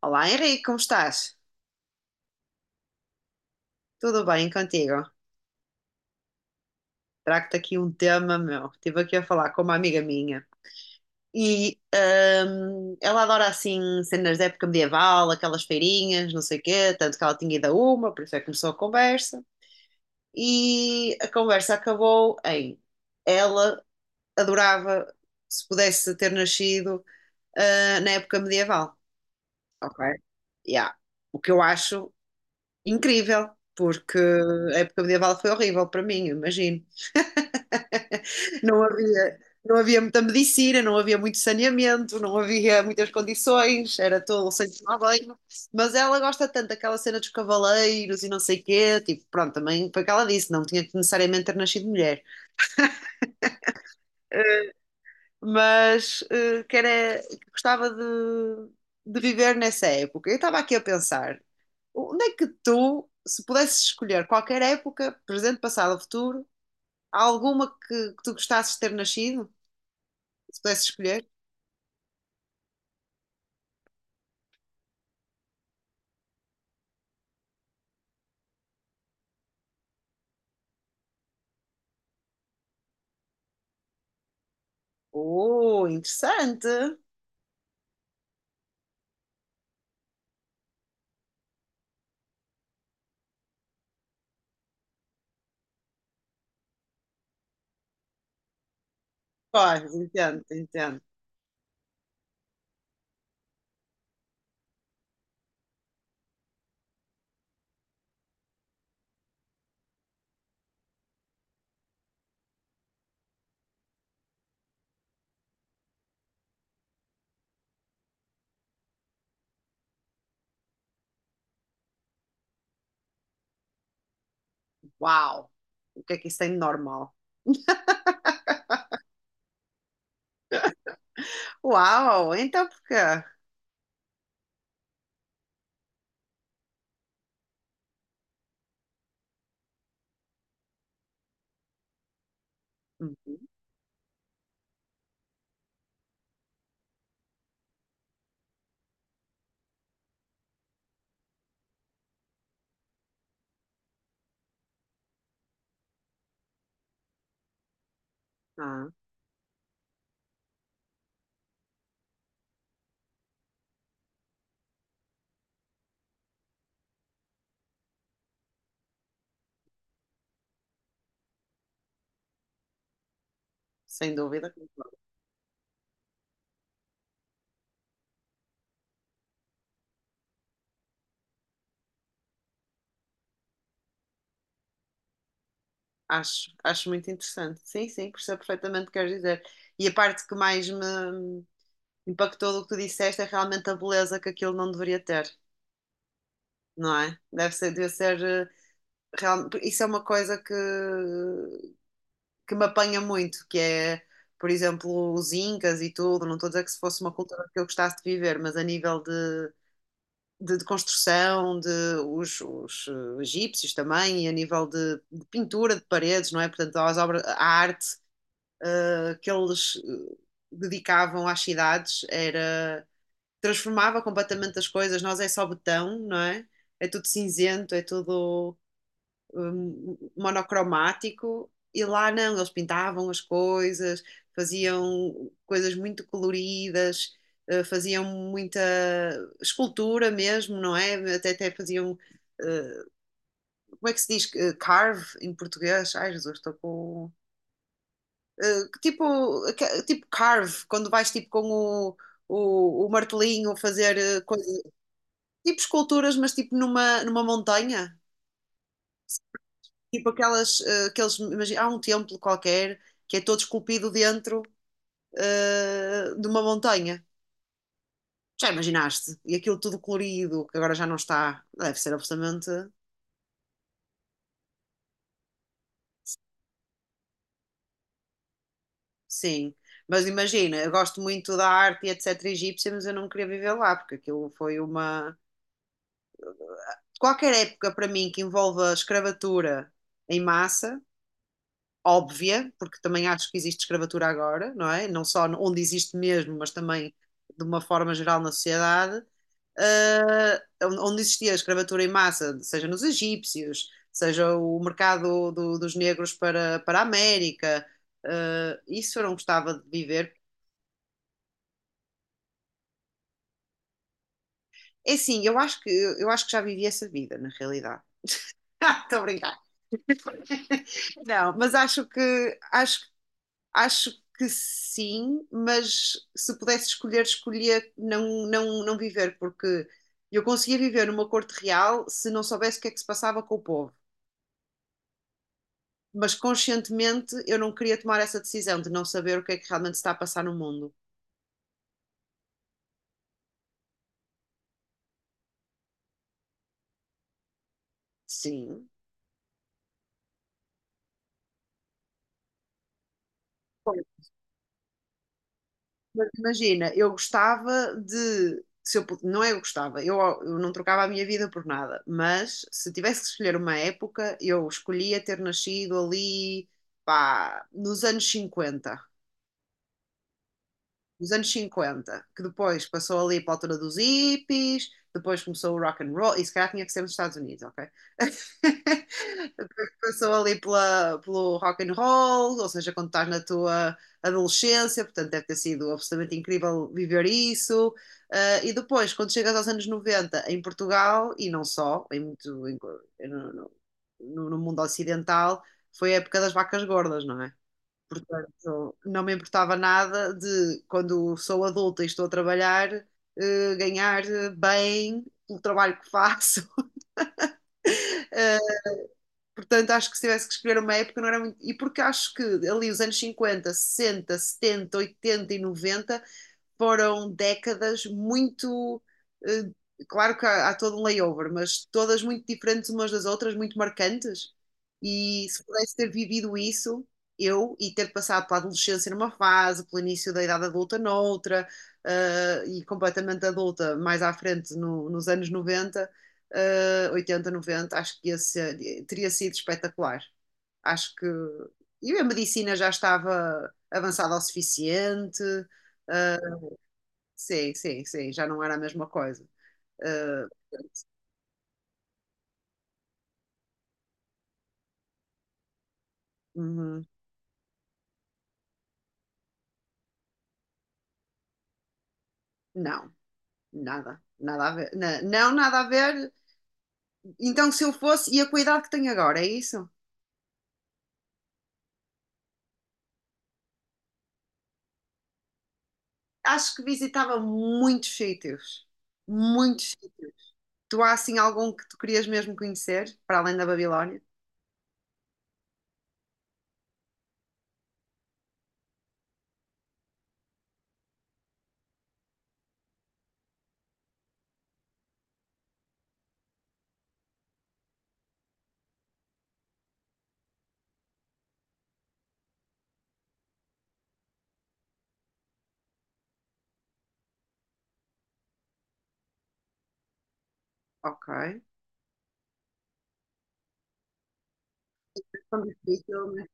Olá Henrique, como estás? Tudo bem contigo? Trago-te aqui um tema meu. Estive aqui a falar com uma amiga minha e ela adora assim cenas da época medieval, aquelas feirinhas, não sei o quê, tanto que ela tinha ido a uma, por isso é que começou a conversa. E a conversa acabou em ela adorava se pudesse ter nascido na época medieval. Ok. Yeah. O que eu acho incrível, porque a época medieval foi horrível para mim, imagino. Não havia, não havia muita medicina, não havia muito saneamento, não havia muitas condições, era todo sem tomar banho. Mas ela gosta tanto daquela cena dos cavaleiros e não sei quê, tipo, pronto, também foi o que ela disse, não tinha que necessariamente ter nascido mulher. Eh, Mas que gostava de viver nessa época. Eu estava aqui a pensar, onde é que tu, se pudesses escolher qualquer época, presente, passado ou futuro, há alguma que tu gostasses de ter nascido, se pudesses escolher? Oh, interessante. Pois, entendo, entendo. Uau, o que é que isso tem de normal? Uau, então porquê? Uhum. Ah, sem dúvida, concordo. Acho muito interessante. Sim, sim, percebo perfeitamente o que queres dizer. E a parte que mais me impactou do que tu disseste é realmente a beleza que aquilo não deveria ter, não é? Deve ser isso é uma coisa que me apanha muito, que é, por exemplo, os Incas e tudo. Não estou a dizer que se fosse uma cultura que eu gostasse de viver, mas a nível de construção, de os egípcios também, e a nível de pintura de paredes, não é? Portanto, as obras, a arte que eles dedicavam às cidades era. Transformava completamente as coisas, nós é só betão, não é? É tudo cinzento, é tudo monocromático, e lá não, eles pintavam as coisas, faziam coisas muito coloridas, faziam muita escultura mesmo, não é? Até faziam, eh, como é que se diz? Carve em português? Ai, Jesus, estou com. eh, tipo, tipo carve, quando vais tipo com o martelinho fazer tipo esculturas, mas tipo numa montanha. Tipo aquelas, aqueles, imagina, há um templo qualquer que é todo esculpido dentro, de uma montanha. Já imaginaste? E aquilo tudo colorido, que agora já não está. Deve ser absolutamente, sim. Mas imagina, eu gosto muito da arte e etc. egípcia, mas eu não queria viver lá, porque aquilo foi uma. Qualquer época para mim que envolva escravatura em massa, óbvia, porque também acho que existe escravatura agora, não é? Não só onde existe mesmo, mas também de uma forma geral na sociedade, eh, onde existia a escravatura em massa, seja nos egípcios, seja o mercado dos negros para a América, isso eu não gostava de viver. É sim, eu acho que já vivi essa vida, na realidade. Estou a brincar. Não, mas acho que sim, mas se pudesse escolher, escolhia não viver, porque eu conseguia viver numa corte real se não soubesse o que é que se passava com o povo. Mas conscientemente eu não queria tomar essa decisão de não saber o que é que realmente se está a passar no mundo. Sim. Pois, mas imagina, eu gostava de. Se não é eu gostava, eu não trocava a minha vida por nada, mas se tivesse que escolher uma época, eu escolhia ter nascido ali, pá, nos anos 50. Dos anos 50, que depois passou ali para a altura dos hippies, depois começou o rock and roll, e se calhar tinha que ser nos Estados Unidos, ok? Depois passou ali pelo rock and roll, ou seja, quando estás na tua adolescência, portanto deve ter sido absolutamente incrível viver isso. Ah, e depois, quando chegas aos anos 90, em Portugal, e não só, em muito, no, no mundo ocidental, foi a época das vacas gordas, não é? Portanto, não me importava nada de, quando sou adulta e estou a trabalhar, ganhar bem pelo trabalho que faço. Eh, portanto, acho que se tivesse que escolher uma época, não era muito. E porque acho que ali os anos 50, 60, 70, 80 e 90 foram décadas muito. eh, Claro que há todo um layover, mas todas muito diferentes umas das outras, muito marcantes. E se pudesse ter vivido isso, eu, e ter passado pela adolescência numa fase, pelo início da idade adulta noutra, e completamente adulta mais à frente nos anos 90, 80, 90, acho que teria sido espetacular. Acho que. E a medicina já estava avançada o suficiente. eh, Sim, sim, sim, já não era a mesma coisa. Ah, uhum, não, nada, nada a ver. Não, nada a ver. Então, se eu fosse, e a cuidado que tenho agora, é isso? Acho que visitava muitos sítios, muitos sítios. Tu há assim algum que tu querias mesmo conhecer, para além da Babilónia? Ok. São difíceis, né?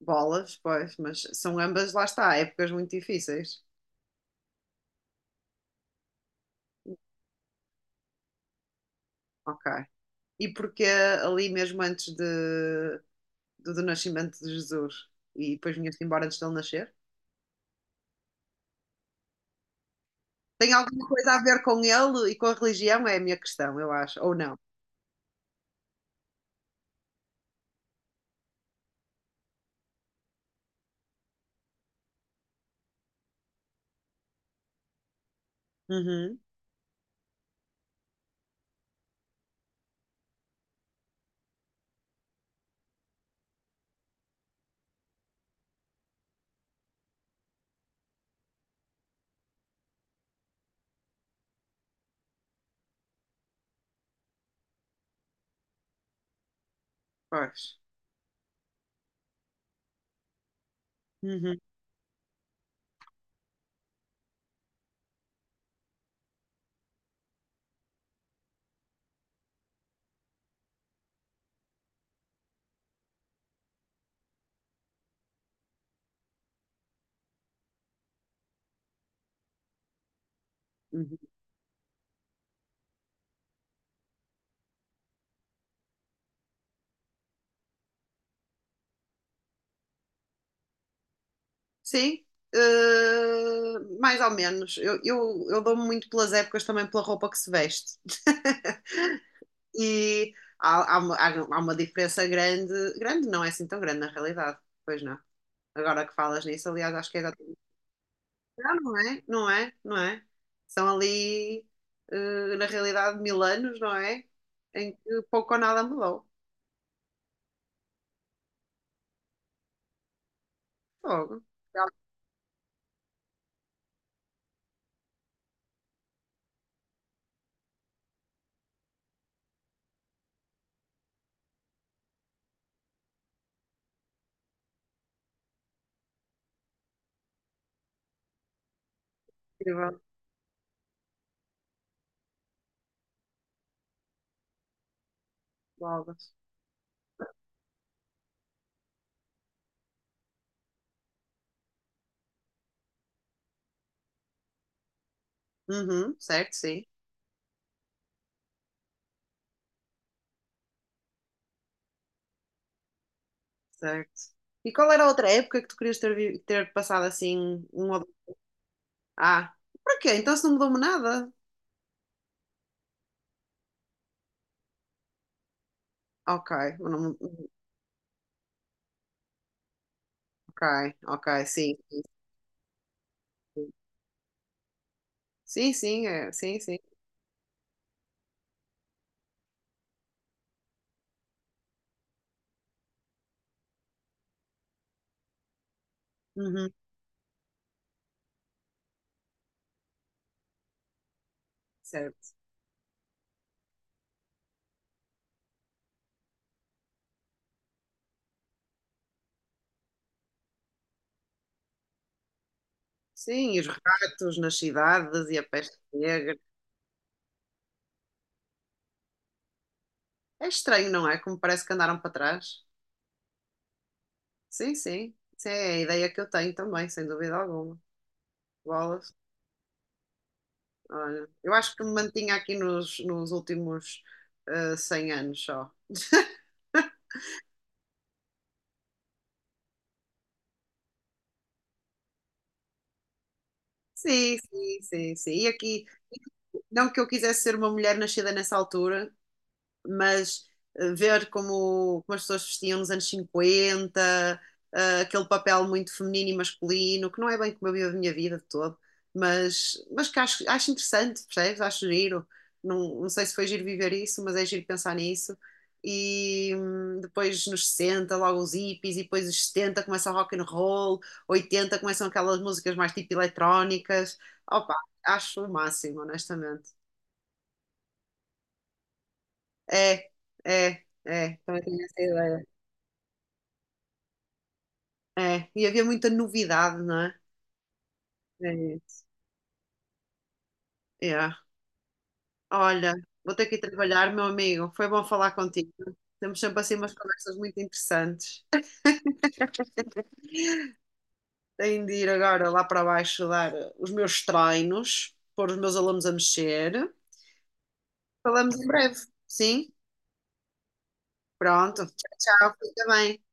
Bolas, pois, mas são ambas, lá está, épocas muito difíceis. Ok. E porque ali mesmo antes do nascimento de Jesus e depois vinha-se embora antes dele nascer? Tem alguma coisa a ver com ele e com a religião? É a minha questão, eu acho. Ou não? Uhum, pois. Uhum, uhum. Sim, mais ou menos. Eu dou-me muito pelas épocas também pela roupa que se veste. E há uma diferença grande. Grande não é assim tão grande na realidade, pois não. Agora que falas nisso, aliás, acho que é. Ah, não é? Não é? Não é? São ali, na realidade, 1000 anos, não é? Em que pouco ou nada mudou. Fogo. Já incrível. Bolas. Uhum, certo, sim. Certo. E qual era a outra época que tu querias ter passado assim um ou dois? Ah, para quê? Então se não mudou-me nada? Ok. não- ok, ok, sim. Sim, sim, é, sim, sim. Uhum, certo. Sim, e os ratos nas cidades e a peste negra. É estranho, não é? Como parece que andaram para trás. Sim, sim. Sim, é a ideia que eu tenho também, sem dúvida alguma. Bolas. Olha, eu acho que me mantinha aqui nos últimos 100 anos só. Sim, sim, sim, sim. E aqui, não que eu quisesse ser uma mulher nascida nessa altura, mas ver como as pessoas vestiam nos anos 50, aquele papel muito feminino e masculino, que não é bem como eu vivo a minha vida de todo, mas que acho interessante, percebes? Acho giro. Não, não sei se foi giro viver isso, mas é giro pensar nisso. E depois nos 60 logo os hippies, e depois os 70 começa o rock and roll, 80 começam aquelas músicas mais tipo eletrónicas. Opa, acho o máximo, honestamente. É, é, é, também tenho essa ideia. É, e havia muita novidade, não é? É isso. É. Olha, vou ter que ir trabalhar, meu amigo. Foi bom falar contigo. Temos sempre assim umas conversas muito interessantes. Tenho de ir agora lá para baixo dar os meus treinos, pôr os meus alunos a mexer. Falamos em breve, sim? Pronto. Tchau, tchau. Fica bem.